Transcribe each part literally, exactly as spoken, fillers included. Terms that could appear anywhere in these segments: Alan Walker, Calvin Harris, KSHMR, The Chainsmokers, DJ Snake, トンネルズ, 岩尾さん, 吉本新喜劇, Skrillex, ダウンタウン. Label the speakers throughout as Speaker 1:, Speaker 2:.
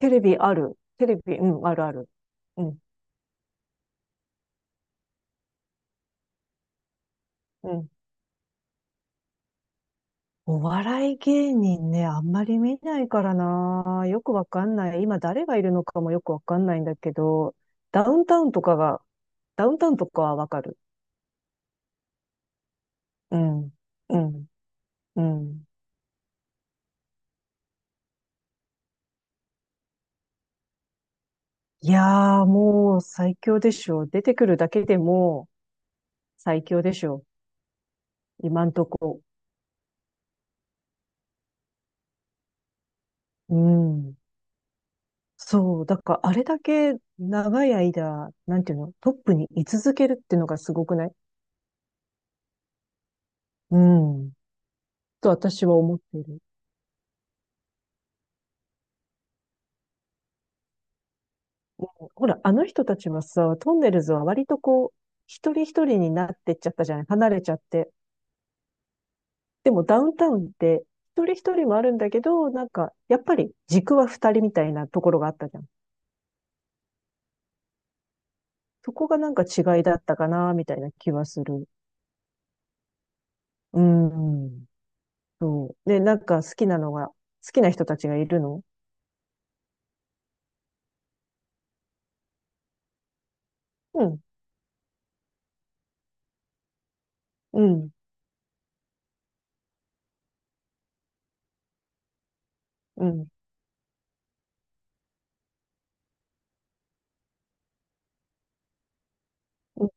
Speaker 1: テレビある。テレビ、うん、あるある。うん、うん。お笑い芸人ね、あんまり見ないからな。よくわかんない。今誰がいるのかもよくわかんないんだけど、ダウンタウンとかが、ダウンタウンとかはわかる。うん、うん、うん。いやー、もう最強でしょ。出てくるだけでも最強でしょ。今んとこ。うん。そう。だから、あれだけ長い間、なんていうの、トップに居続けるっていうのがすごくない？うん。と私は思っている。ほら、あの人たちはさ、トンネルズは割とこう、一人一人になってっちゃったじゃない、離れちゃって。でもダウンタウンって一人一人もあるんだけど、なんか、やっぱり軸は二人みたいなところがあったじゃん。そこがなんか違いだったかな、みたいな気はする。うん。そう。で、なんか好きなのが、好きな人たちがいるの？うん、うん、うん、うん。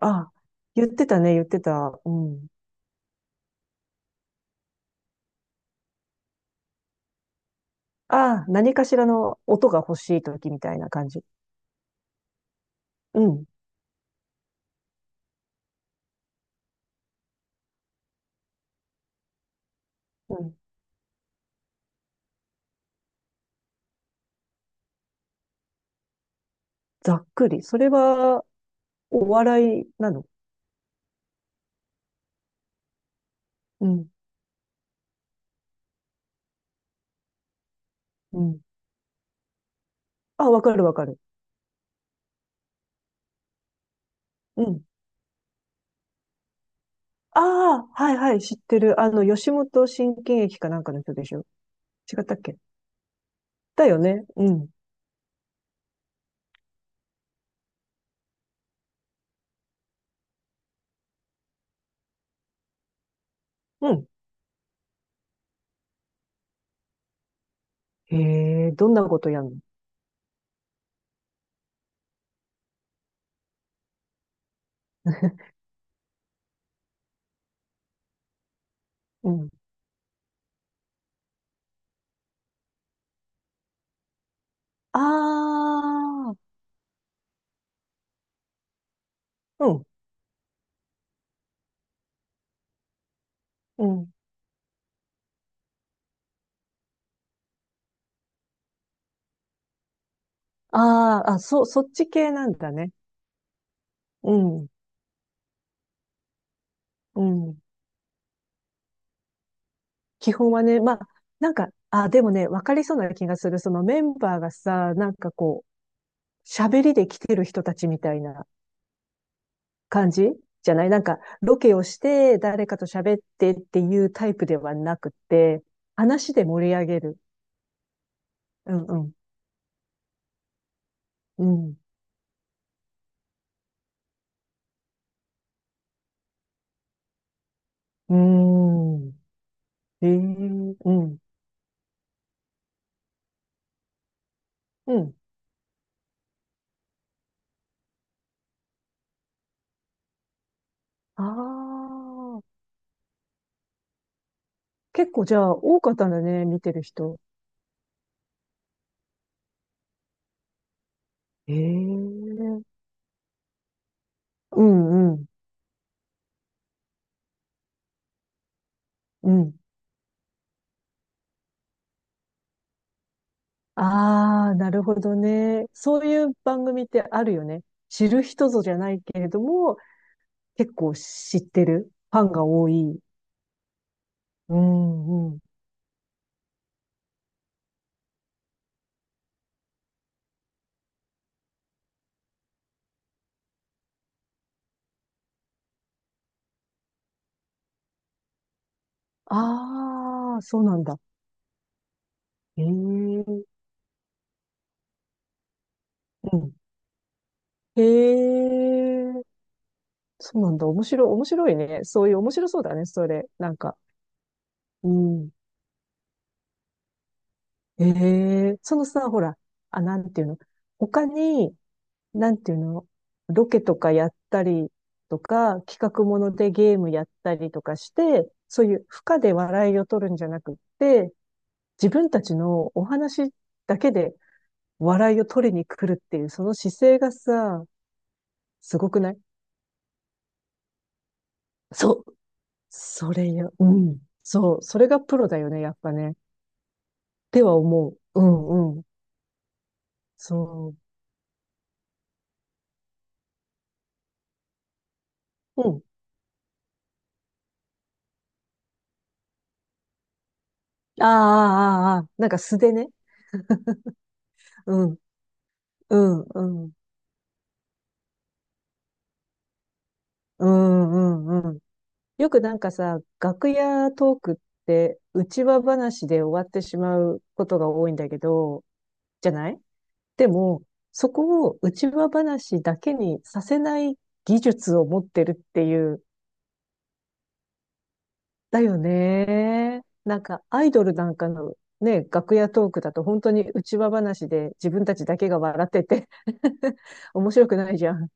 Speaker 1: あ、言ってたね、言ってた。うん。ああ、何かしらの音が欲しい時みたいな感じ。うん。うん。ざっくり。それは、お笑いなの？うん。うん。あ、わかるわかる。うん。ああ、はいはい、知ってる。あの、吉本新喜劇かなんかの人でしょ？違ったっけ？だよね。うん。うん。へえ、どんなことやんの？うん。ああ、うん。うん。ああ、あ、そ、そっち系なんだね。うん。うん。基本はね、まあ、なんか、あ、でもね、わかりそうな気がする。そのメンバーがさ、なんかこう、喋りで来てる人たちみたいな感じじゃない？なんか、ロケをして誰かと喋ってっていうタイプではなくて、話で盛り上げる。うんうん。うん。うーん。ええ、うん。うん。ああ。結構じゃあ多かったんだね、見てる人。ええ、うんうん。うん。ああ、なるほどね。そういう番組ってあるよね。知る人ぞじゃないけれども、結構知ってる。ファンが多い。うん、うん。ああ、そうなんだ。へえ、うん。へえ、そうなんだ。面白い、面白いね。そういう面白そうだね、それ。なんか。うん。へえ、そのさ、ほら、あ、なんていうの。他に、なんていうの、ロケとかやったりとか、企画ものでゲームやったりとかして、そういう負荷で笑いを取るんじゃなくって、自分たちのお話だけで笑いを取りに来るっていう、その姿勢がさ、すごくない？そう。それよ。うん。そう。それがプロだよね、やっぱね。っては思う。うんうん。そう。うん。ああ、ああ、ああ。なんか素でね。うん、うん、うん。うん、うん、うん。よくなんかさ、楽屋トークって、うちわ話で終わってしまうことが多いんだけど、じゃない？でも、そこを内輪話だけにさせない技術を持ってるっていう、だよね。なんか、アイドルなんかのね、楽屋トークだと本当に内輪話で自分たちだけが笑ってて 面白くないじゃん。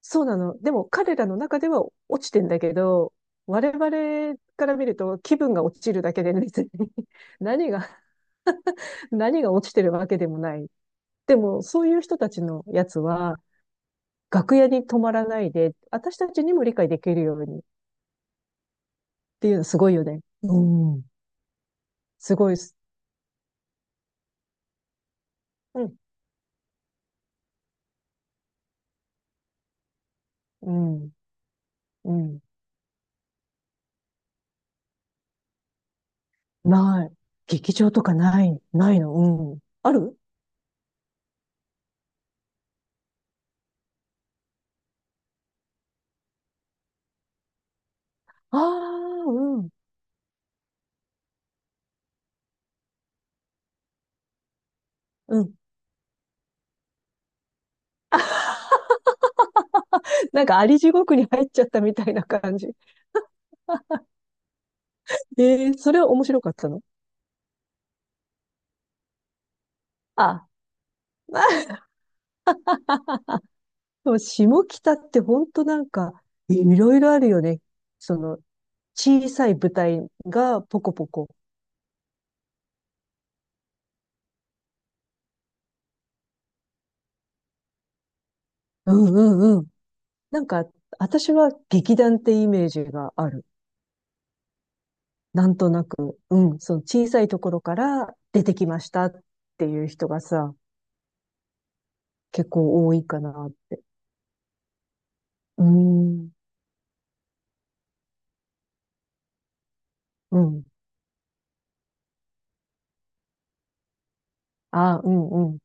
Speaker 1: そうなの。でも彼らの中では落ちてんだけど、我々から見ると気分が落ちるだけで別に 何が、何が落ちてるわけでもない。でも、そういう人たちのやつは、楽屋に泊まらないで、私たちにも理解できるようにっていうのすごいよね。うん。すごいっす。うん。うん。うん。ない。劇場とかない。ないの。うん。ある。ああー、うん。うん。なんかあり地獄に入っちゃったみたいな感じ。ええ、それは面白かったの？あ、まあ、でも下北って本当なんか、いいろいろあるよね。その、小さい舞台がポコポコ。うんうんうん。なんか、私は劇団ってイメージがある。なんとなく、うん、その小さいところから出てきましたっていう人がさ、結構多いかなって。うーん、うん。あ、うんうん。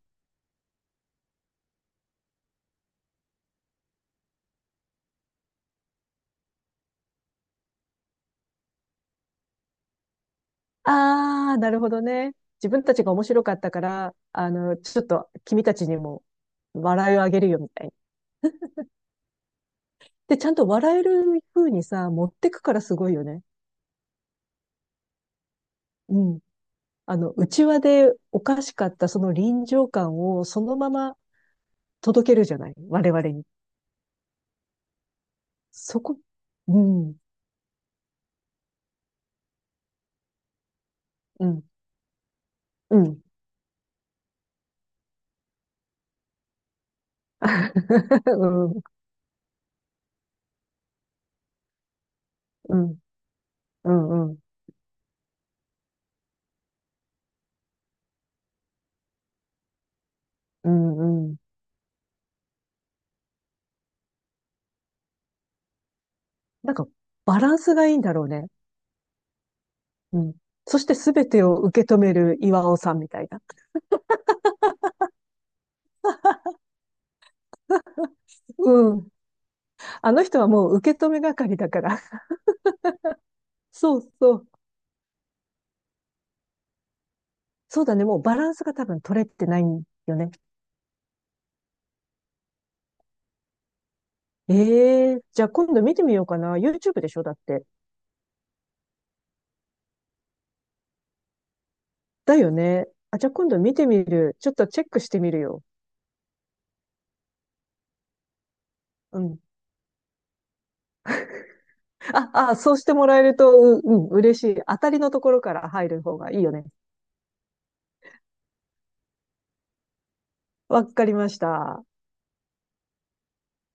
Speaker 1: あー、なるほどね。自分たちが面白かったから、あの、ちょっと君たちにも笑いをあげるよみたいな。で、ちゃんと笑える風にさ、持ってくからすごいよね。うん。あの、内輪でおかしかったその臨場感をそのまま届けるじゃない、我々に。そこ、うん、うん、うん。うん、うん、うん、うん、うん、うん。なんか、バランスがいいんだろうね。うん。そしてすべてを受け止める岩尾さんみたいな。うん。あの人はもう受け止め係だから。そうそう。そうだね。もうバランスが多分取れてないんよね。ええー、じゃあ今度見てみようかな。ユーチューブ でしょ？だって。だよね。あ、じゃあ今度見てみる。ちょっとチェックしてみるよ。うん。あ、あ、そうしてもらえると、う、うん、嬉しい。当たりのところから入る方がいいよね。わかりました。